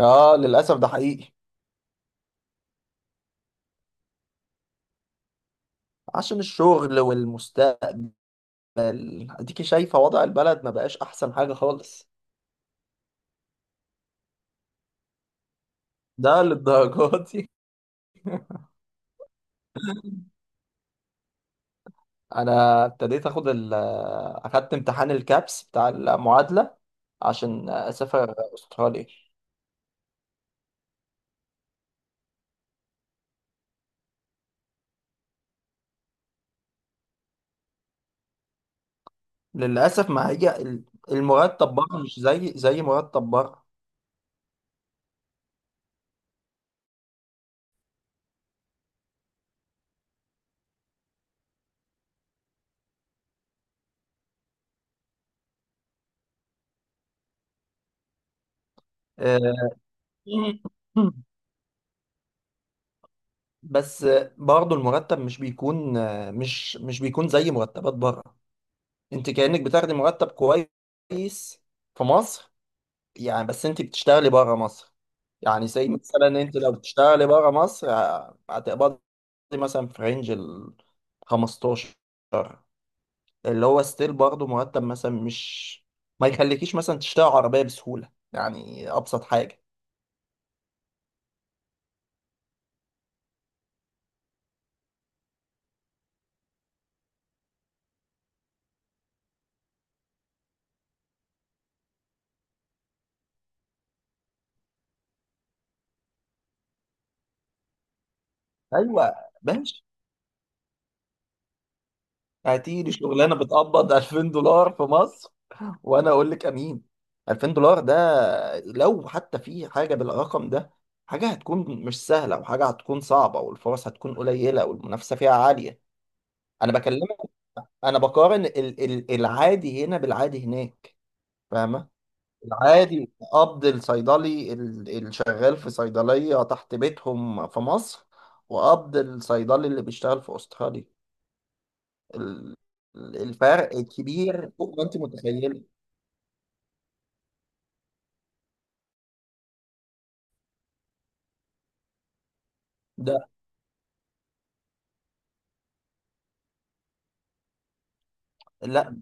اه، للاسف ده حقيقي. عشان الشغل والمستقبل. اديكي شايفه وضع البلد، ما بقاش احسن حاجه خالص. ده للدرجه دي؟ انا ابتديت اخدت امتحان الكابس بتاع المعادله عشان اسافر استراليا. للاسف ما هي ال- المرتب بره مش زي مرتب بره. آه، بس برضه المرتب مش بيكون زي مرتبات بره. انت كأنك بتاخدي مرتب كويس في مصر، يعني بس انت بتشتغلي بره مصر. يعني زي مثلا انت لو بتشتغلي بره مصر هتقبضي مثلا في رينج ال 15، اللي هو ستيل. برضه مرتب مثلا مش ما يخليكيش مثلا تشتري عربية بسهولة، يعني أبسط حاجة. أيوه، ماشي. هتيجي شغلانة بتقبض $2000 في مصر؟ وانا اقول لك امين. $2000 ده لو حتى في حاجه بالرقم ده، حاجه هتكون مش سهله وحاجه هتكون صعبه والفرص هتكون قليله والمنافسه فيها عاليه. انا بكلمك، انا بقارن ال العادي هنا بالعادي هناك. فاهمه؟ العادي قبض الصيدلي الشغال في صيدليه تحت بيتهم في مصر، وقبض الصيدلي اللي بيشتغل في استراليا. ال- الفرق كبير فوق ما انت متخيله. ده لا.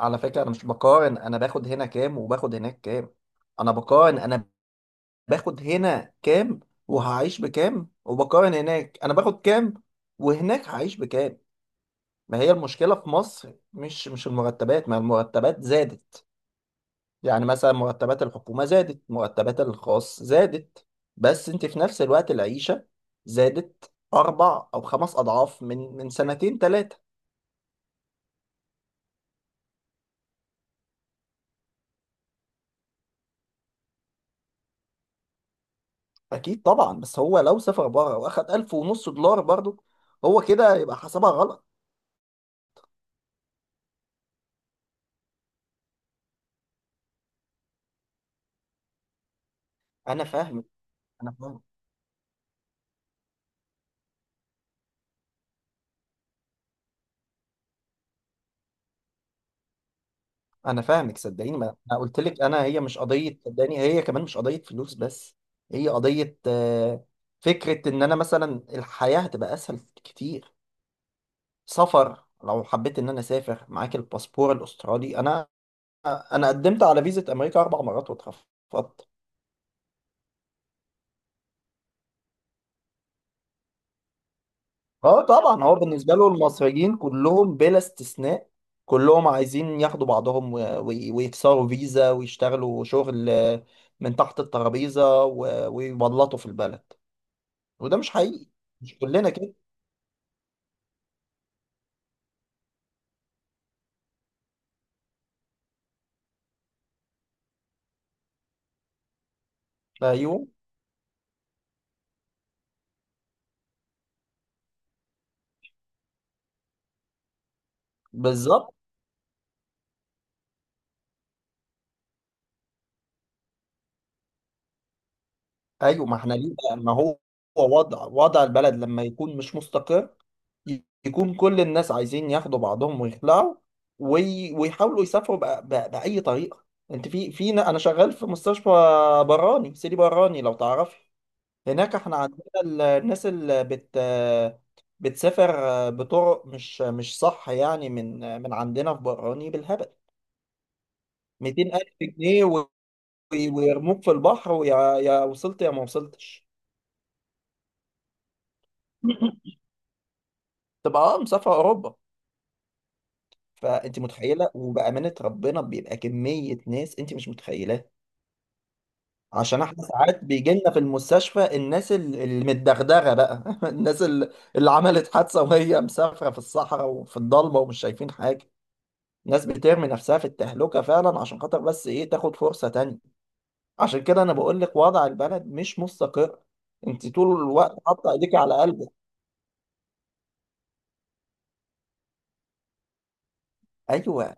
على فكرة أنا مش بقارن أنا باخد هنا كام وباخد هناك كام. أنا بقارن أنا باخد هنا كام وهعيش بكام، وبقارن هناك أنا باخد كام وهناك هعيش بكام. ما هي المشكلة في مصر مش المرتبات، ما المرتبات زادت. يعني مثلا مرتبات الحكومة زادت، مرتبات الخاص زادت، بس أنت في نفس الوقت العيشة زادت أربع أو خمس أضعاف من سنتين تلاتة. اكيد طبعا، بس هو لو سافر بره واخد 1500 دولار برضه، هو كده يبقى حسبها غلط. انا فاهمك انا فاهمك انا فاهمك. صدقيني، ما انا قلت لك انا، هي مش قضيه، صدقني هي كمان مش قضيه فلوس بس. هي قضيه فكره ان انا مثلا الحياه هتبقى اسهل كتير. سفر لو حبيت ان انا اسافر معاك الباسبور الاسترالي. انا قدمت على فيزا امريكا اربع مرات واترفضت. اه طبعا، هو بالنسبه له المصريين كلهم بلا استثناء، كلهم عايزين ياخدوا بعضهم ويكسروا فيزا ويشتغلوا شغل، من تحت الترابيزه ويبلطوا في البلد. وده مش حقيقي، مش كلنا كده. ايوه بالظبط. ايوه ما احنا ليه بقى، ما هو وضع البلد لما يكون مش مستقر، يكون كل الناس عايزين ياخدوا بعضهم ويخلعوا، ويحاولوا يسافروا بأي طريقة. انت انا شغال في مستشفى براني سيدي براني لو تعرفي. هناك احنا عندنا الناس اللي بتسافر بطرق مش صح يعني، من عندنا في براني بالهبل، 200 ألف جنيه ويرموك في البحر، ويا وصلت يا ما وصلتش. تبقى اه مسافر أوروبا. فانت متخيله، وبامانه ربنا بيبقى كميه ناس انت مش متخيلاها. عشان احنا ساعات بيجي لنا في المستشفى الناس المتدغدغه بقى. الناس اللي عملت حادثه وهي مسافره في الصحراء وفي الضلمه ومش شايفين حاجه. ناس بترمي نفسها في التهلكه فعلا عشان خاطر بس ايه، تاخد فرصه تانية. عشان كده انا بقول لك وضع البلد مش مستقر، انت طول الوقت حاطه ايديك على قلبك. ايوه.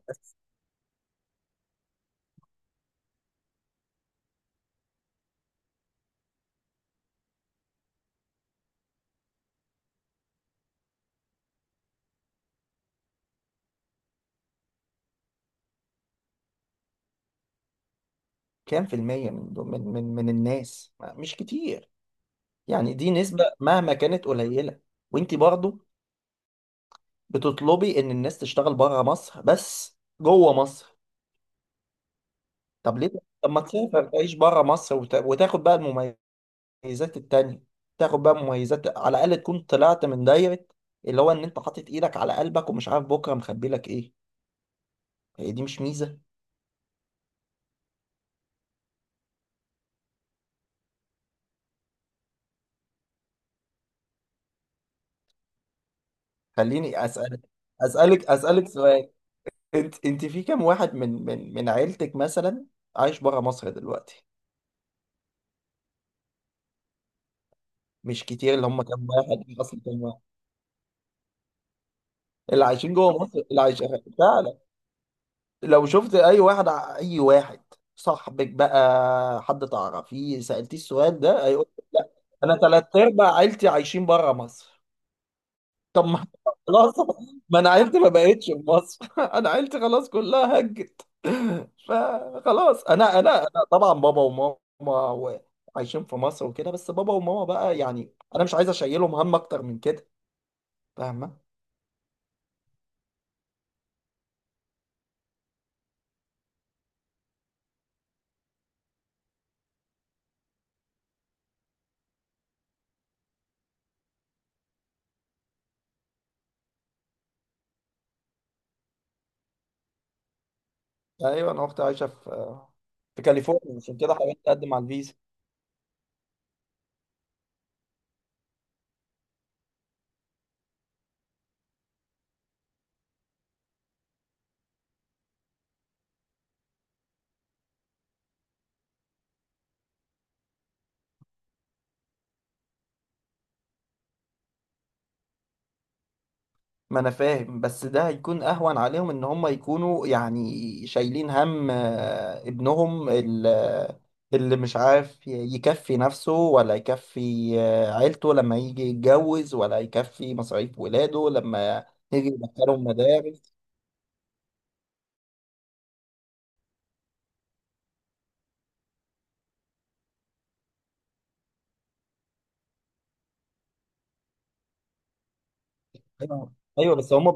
كام في المية من الناس؟ مش كتير، يعني دي نسبة مهما كانت قليلة، وانت برضه بتطلبي ان الناس تشتغل بره مصر بس جوه مصر. طب ليه؟ طب ما تسافر تعيش بره مصر وتاخد بقى المميزات التانية. تاخد بقى مميزات، على الأقل تكون طلعت من دايرة اللي هو ان انت حاطط ايدك على قلبك ومش عارف بكرة مخبي لك ايه. هي دي مش ميزة؟ خليني أسألك سؤال. انت في كام واحد من عيلتك مثلا عايش بره مصر دلوقتي؟ مش كتير اللي هم كام واحد اصلا، كام واحد؟ اللي عايشين جوه مصر؟ اللي عايش فعلا، لو شفت اي واحد اي واحد صاحبك بقى، حد تعرفيه سألتيه السؤال ده هيقول لك لا. انا ثلاث ارباع عيلتي عايشين بره مصر. طب ما خلاص، ما انا عيلتي ما بقتش في مصر. انا عيلتي خلاص كلها هجت. فخلاص انا طبعا بابا وماما عايشين في مصر وكده. بس بابا وماما بقى يعني انا مش عايز اشيلهم هم اكتر من كده. فاهمه؟ ايوه انا اختي عايشه في كاليفورنيا، عشان كده حاولت اقدم على الفيزا. ما انا فاهم، بس ده هيكون اهون عليهم ان هم يكونوا يعني شايلين هم، ابنهم اللي مش عارف يكفي نفسه ولا يكفي عيلته لما يجي يتجوز، ولا يكفي مصاريف ولاده لما يجي يدخلهم مدارس. ايوه، أيوة، بس هم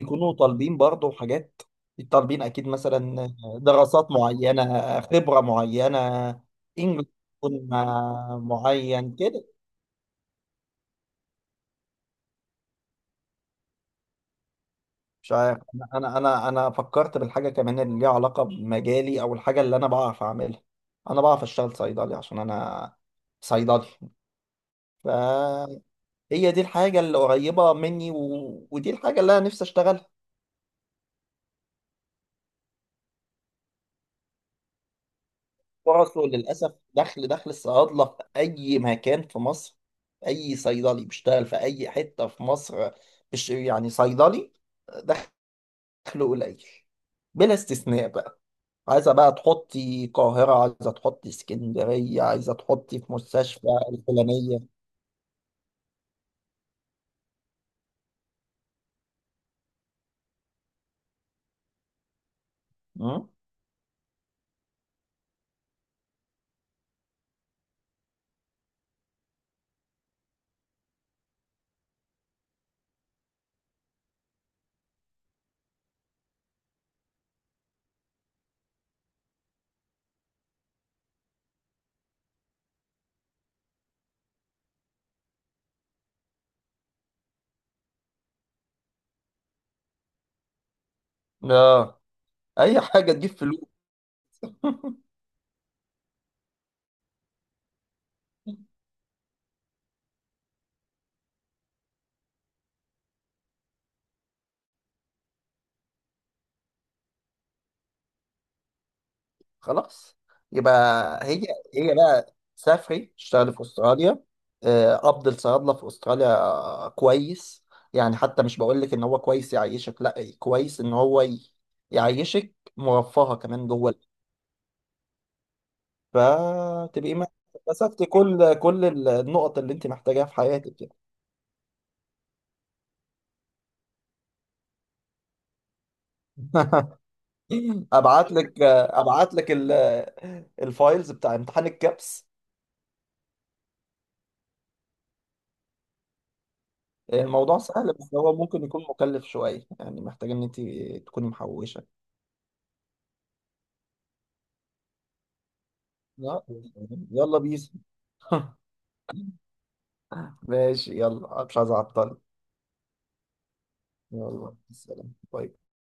بيكونوا طالبين برضه حاجات. طالبين اكيد مثلا دراسات معينه، خبره معينه، انجلش يكون معين كده. مش عارف، انا أنا فكرت بالحاجه كمان اللي ليها علاقه بمجالي او الحاجه اللي انا بعرف اعملها. انا بعرف اشتغل صيدلي عشان انا صيدلي. فهي دي الحاجه اللي قريبه مني، ودي الحاجه اللي انا نفسي اشتغلها. فرصه للأسف، دخل الصيادلة في أي مكان في مصر، أي صيدلي بيشتغل في أي حتة في مصر، مش يعني صيدلي دخله قليل بلا استثناء بقى. عايزة بقى تحطي القاهرة، عايزة تحطي اسكندرية، عايزة تحطي في مستشفى الفلانية. أمم؟ اه، أي حاجة تجيب فلوس. خلاص يبقى هي هي بقى سافري اشتغلي في استراليا. قبض الصيادله في استراليا كويس. يعني حتى مش بقول لك ان هو كويس يعيشك، لا كويس ان هو يعيشك مرفهه كمان جوه البيت. فتبقي ما مسكتي كل النقط اللي انت محتاجاها في حياتك يعني. ابعت لك الفايلز بتاع امتحان الكابس. الموضوع سهل، بس هو ممكن يكون مكلف شويه، يعني محتاج ان انت تكوني محوشه. لا، يلا بيس. ماشي يلا، مش عايز اعطل. يلا سلام، باي.